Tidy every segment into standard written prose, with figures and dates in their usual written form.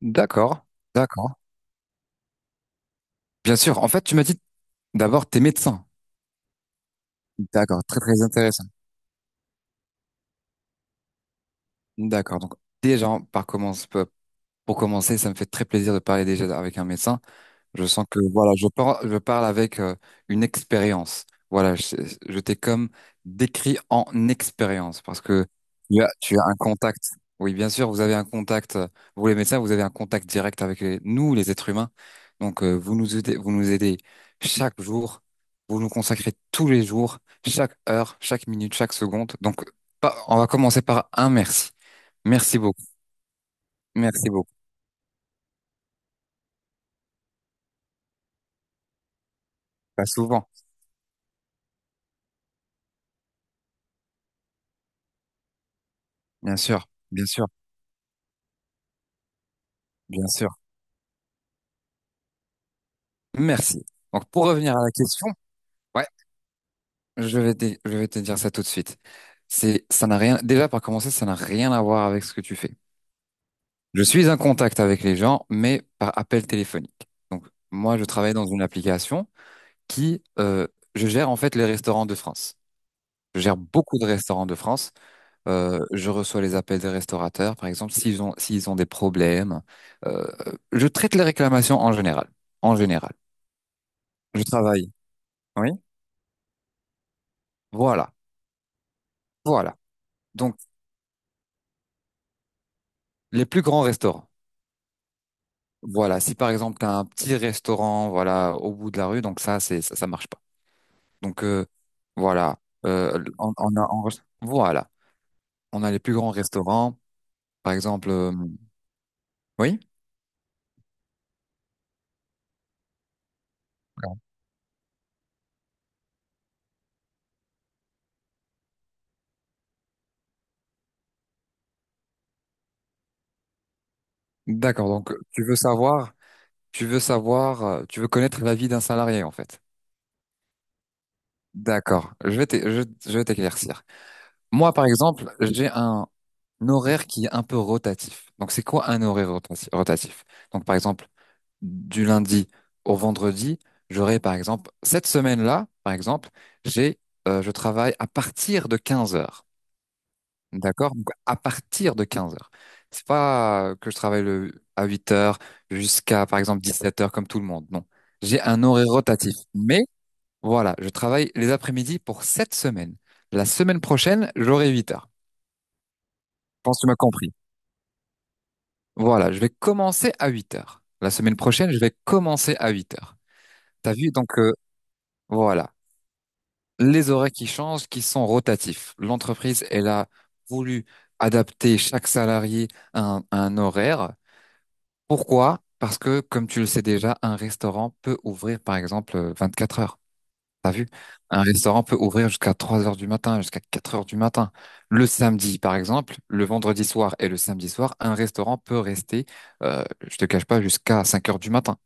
D'accord, d'accord. Bien sûr, en fait, tu m'as dit d'abord t'es médecin. D'accord, très très intéressant. D'accord, donc déjà, pour commencer, ça me fait très plaisir de parler déjà avec un médecin. Je sens que voilà, je parle avec une expérience. Voilà, je t'ai comme décrit en expérience parce que tu as un contact. Oui, bien sûr, vous avez un contact. Vous les médecins, vous avez un contact direct avec nous, les êtres humains. Donc, vous nous aidez chaque jour. Vous nous consacrez tous les jours, chaque heure, chaque minute, chaque seconde. Donc pas, on va commencer par un merci. Merci beaucoup. Merci beaucoup. Pas souvent. Bien sûr, bien sûr, bien sûr. Merci. Donc, pour revenir à la question, ouais, je vais te dire ça tout de suite. C'est, ça n'a rien, déjà, par commencer, ça n'a rien à voir avec ce que tu fais. Je suis en contact avec les gens, mais par appel téléphonique. Donc, moi, je travaille dans une application qui, euh, je gère en fait les restaurants de France. Je gère beaucoup de restaurants de France. Je reçois les appels des restaurateurs, par exemple, s'ils ont des problèmes. Euh, je traite les réclamations en général. En général. Je travaille. Oui. Voilà. Voilà. Donc, les plus grands restaurants. Voilà, si par exemple tu as un petit restaurant voilà au bout de la rue, donc ça c'est ça, ça marche pas. Donc voilà, euh, on, on a on- voilà, on a les plus grands restaurants, par exemple oui? D'accord, donc tu veux connaître la vie d'un salarié en fait. D'accord, je vais t'éclaircir. Moi par exemple, j'ai un horaire qui est un peu rotatif. Donc c'est quoi un horaire rotatif? Donc par exemple du lundi au vendredi, j'aurai par exemple, cette semaine-là, par exemple, j'ai, je travaille à partir de 15 heures. D'accord? Donc, à partir de 15 heures. C'est pas que je travaille à 8 heures jusqu'à, par exemple, 17 heures comme tout le monde. Non. J'ai un horaire rotatif. Mais voilà, je travaille les après-midi pour cette semaine. La semaine prochaine, j'aurai 8 heures. Je pense que tu m'as compris. Voilà, je vais commencer à 8 heures. La semaine prochaine, je vais commencer à 8 heures. T'as vu? Donc, voilà. Les horaires qui changent, qui sont rotatifs. L'entreprise, elle a voulu adapter chaque salarié à un horaire. Pourquoi? Parce que, comme tu le sais déjà, un restaurant peut ouvrir, par exemple, 4 heures. T'as vu? Un restaurant peut ouvrir jusqu'à 3 heures du matin, jusqu'à 4 heures du matin. Le samedi, par exemple, le vendredi soir et le samedi soir, un restaurant peut rester, je te cache pas, jusqu'à 5 heures du matin.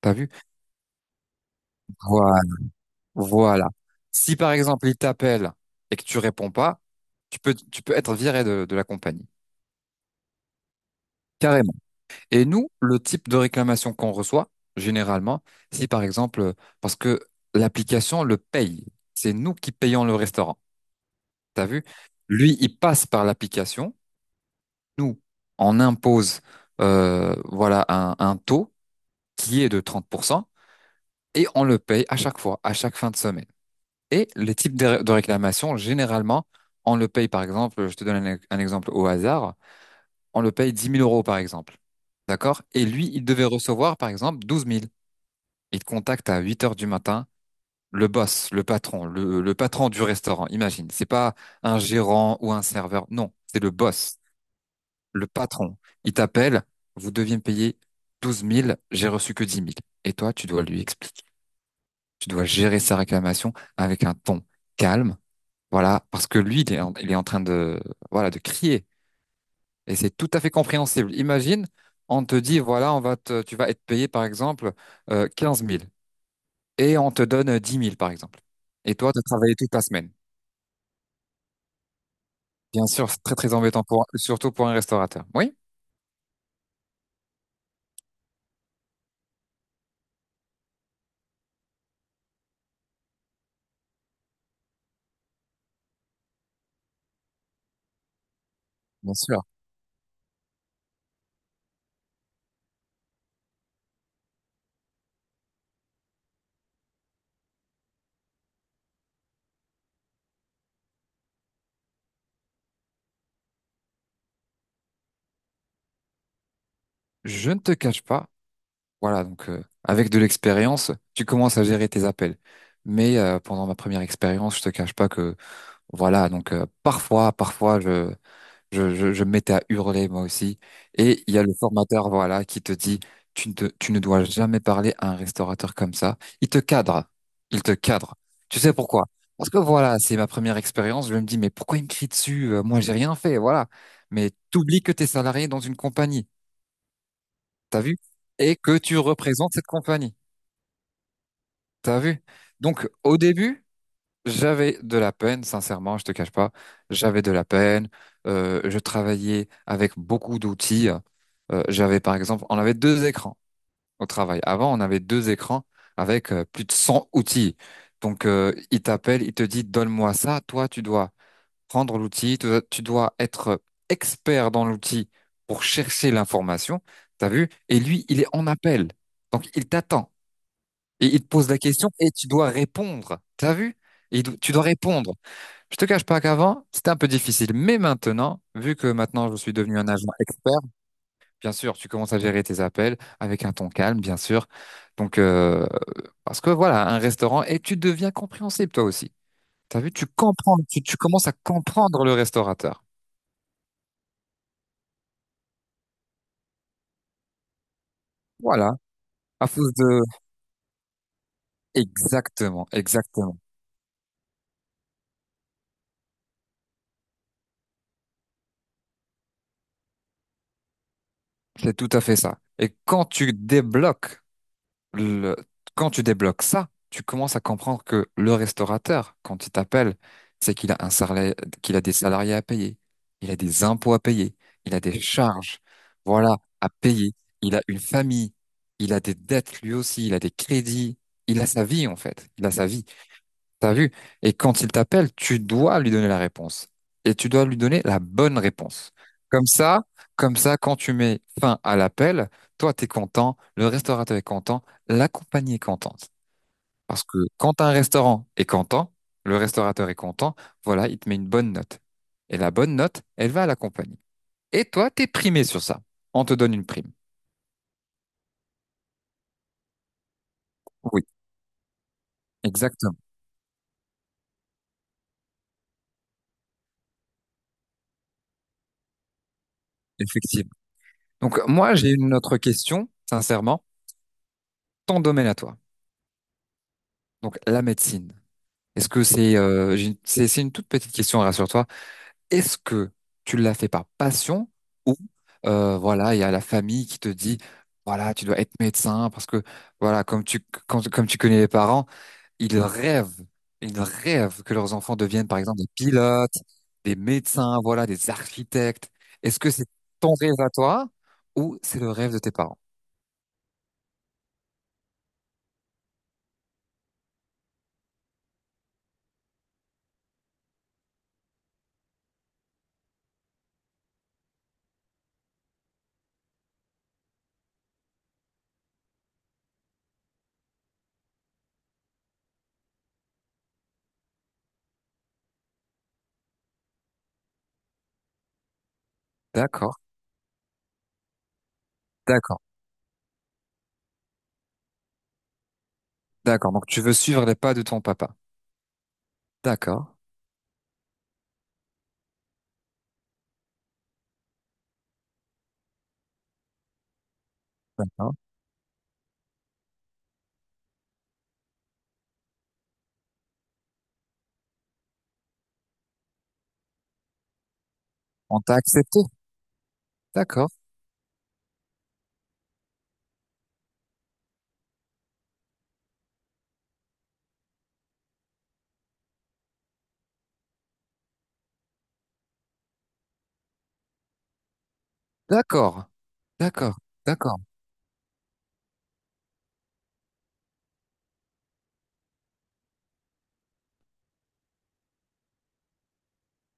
T'as vu? Voilà. Voilà. Si, par exemple, il t'appelle et que tu réponds pas, tu peux être viré de la compagnie, carrément. Et nous, le type de réclamation qu'on reçoit, généralement, si par exemple, parce que l'application le paye, c'est nous qui payons le restaurant. T'as vu? Lui, il passe par l'application. Nous, on impose, voilà, un taux qui est de 30 % et on le paye à chaque fois, à chaque fin de semaine. Et les types de réclamations, généralement, on le paye, par exemple, je te donne un exemple au hasard. On le paye 10 000 € par exemple. D'accord? Et lui, il devait recevoir par exemple 12 000. Il te contacte à 8 heures du matin, le boss, le patron, le patron du restaurant, imagine. C'est pas un gérant ou un serveur, non, c'est le boss, le patron. Il t'appelle, vous deviez me payer 12 000. J'ai reçu que 10 000. Et toi, tu dois lui expliquer. Tu dois gérer sa réclamation avec un ton calme. Voilà, parce que lui, il est en train de, voilà, de crier. Et c'est tout à fait compréhensible. Imagine, on te dit, voilà, tu vas être payé, par exemple, 15 000 et on te donne 10 000, par exemple. Et toi, tu as travaillé toute la semaine. Bien sûr, c'est très, très embêtant, surtout pour un restaurateur. Oui, bien sûr. Je ne te cache pas, voilà, donc avec de l'expérience, tu commences à gérer tes appels. Mais pendant ma première expérience, je te cache pas que, voilà, donc parfois, je me mettais à hurler moi aussi. Et il y a le formateur, voilà, qui te dit, tu ne dois jamais parler à un restaurateur comme ça. Il te cadre. Il te cadre. Tu sais pourquoi? Parce que voilà, c'est ma première expérience. Je me dis, mais pourquoi il me crie dessus? Moi, j'ai rien fait, voilà. Mais t'oublies que t'es salarié dans une compagnie. T'as vu? Et que tu représentes cette compagnie. T'as vu? Donc, au début, j'avais de la peine, sincèrement, je te cache pas. J'avais de la peine. Je travaillais avec beaucoup d'outils. On avait deux écrans au travail. Avant, on avait deux écrans avec plus de 100 outils. Donc, il t'appelle, il te dit, donne-moi ça. Toi, tu dois prendre l'outil, tu dois être expert dans l'outil pour chercher l'information. T'as vu? Et lui, il est en appel. Donc, il t'attend et il te pose la question et tu dois répondre. T'as vu? Tu dois répondre. Je te cache pas qu'avant, c'était un peu difficile, mais maintenant, vu que maintenant je suis devenu un agent expert, bien sûr, tu commences à gérer tes appels avec un ton calme, bien sûr. Donc, parce que voilà, un restaurant, et tu deviens compréhensible toi aussi. T'as vu, tu comprends, tu commences à comprendre le restaurateur. Voilà, à cause de... Exactement, exactement. C'est tout à fait ça. Et quand tu débloques le- quand tu débloques ça, tu commences à comprendre que le restaurateur, quand il t'appelle, c'est qu'il a un salaire, qu'il a des salariés à payer, il a des impôts à payer, il a des charges, voilà, à payer, il a une famille, il a des dettes lui aussi, il a des crédits, il a sa vie en fait, il a sa vie. T'as vu? Et quand il t'appelle, tu dois lui donner la réponse. Et tu dois lui donner la bonne réponse. Comme ça, comme ça, quand tu mets fin à l'appel, toi, t'es content, le restaurateur est content, la compagnie est contente. Parce que quand un restaurant est content, le restaurateur est content, voilà, il te met une bonne note. Et la bonne note, elle va à la compagnie. Et toi, t'es primé sur ça. On te donne une prime. Oui, exactement. Effectivement. Donc, moi, j'ai une autre question, sincèrement. Ton domaine à toi. Donc, la médecine. Est-ce que c'est j'ai c'est une toute petite question, rassure-toi. Est-ce que tu l'as fait par passion ou voilà, il y a la famille qui te dit voilà, tu dois être médecin parce que voilà, comme tu connais les parents, ils rêvent, ils rêvent que leurs enfants deviennent par exemple des pilotes, des médecins, voilà, des architectes. Est-ce que c'est ton rêve à toi ou c'est le rêve de tes parents? D'accord, d'accord, d'accord. Donc tu veux suivre les pas de ton papa. D'accord, d'accord. On t'a accepté. D'accord. D'accord, d'accord, d'accord,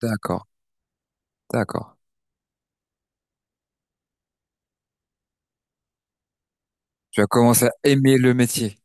d'accord, d'accord. Tu as commencé à aimer le métier.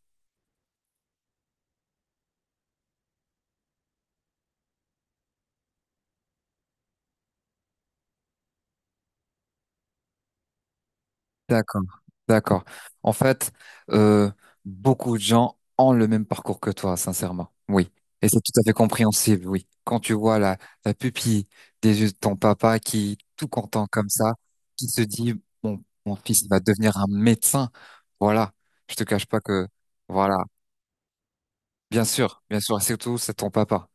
D'accord, d'accord. En fait, euh, beaucoup de gens ont le même parcours que toi, sincèrement. Oui. Et c'est tout à fait compréhensible, oui. Quand tu vois la pupille des yeux de ton papa qui, tout content comme ça, qui se dit, mon fils va devenir un médecin. Voilà. Je te cache pas que, voilà. Bien sûr, bien sûr. Et surtout, c'est ton papa.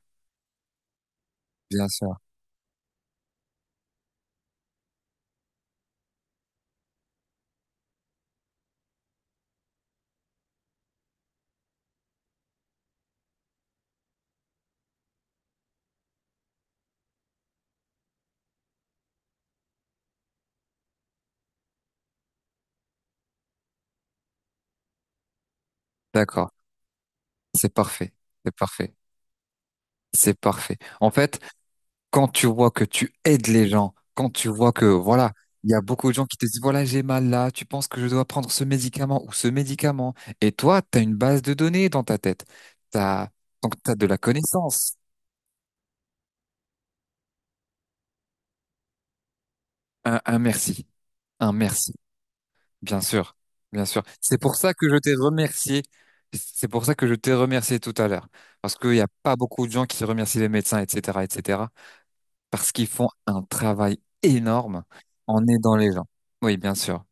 Bien sûr. D'accord. C'est parfait. C'est parfait. C'est parfait. En fait, quand tu vois que tu aides les gens, quand tu vois que, voilà, il y a beaucoup de gens qui te disent, voilà, j'ai mal là, tu penses que je dois prendre ce médicament ou ce médicament, et toi, tu as une base de données dans ta tête. T'as, donc, tu as de la connaissance. Un merci. Un merci. Bien sûr. Bien sûr. C'est pour ça que je t'ai remercié. C'est pour ça que je t'ai remercié tout à l'heure. Parce qu'il n'y a pas beaucoup de gens qui remercient les médecins, etc., etc. parce qu'ils font un travail énorme en aidant les gens. Oui, bien sûr.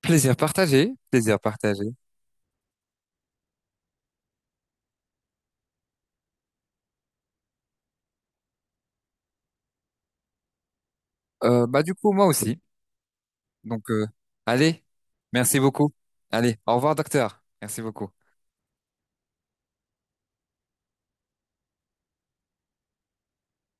Plaisir partagé, plaisir partagé. Bah du coup, moi aussi. Donc, allez, merci beaucoup. Allez, au revoir, docteur. Merci beaucoup.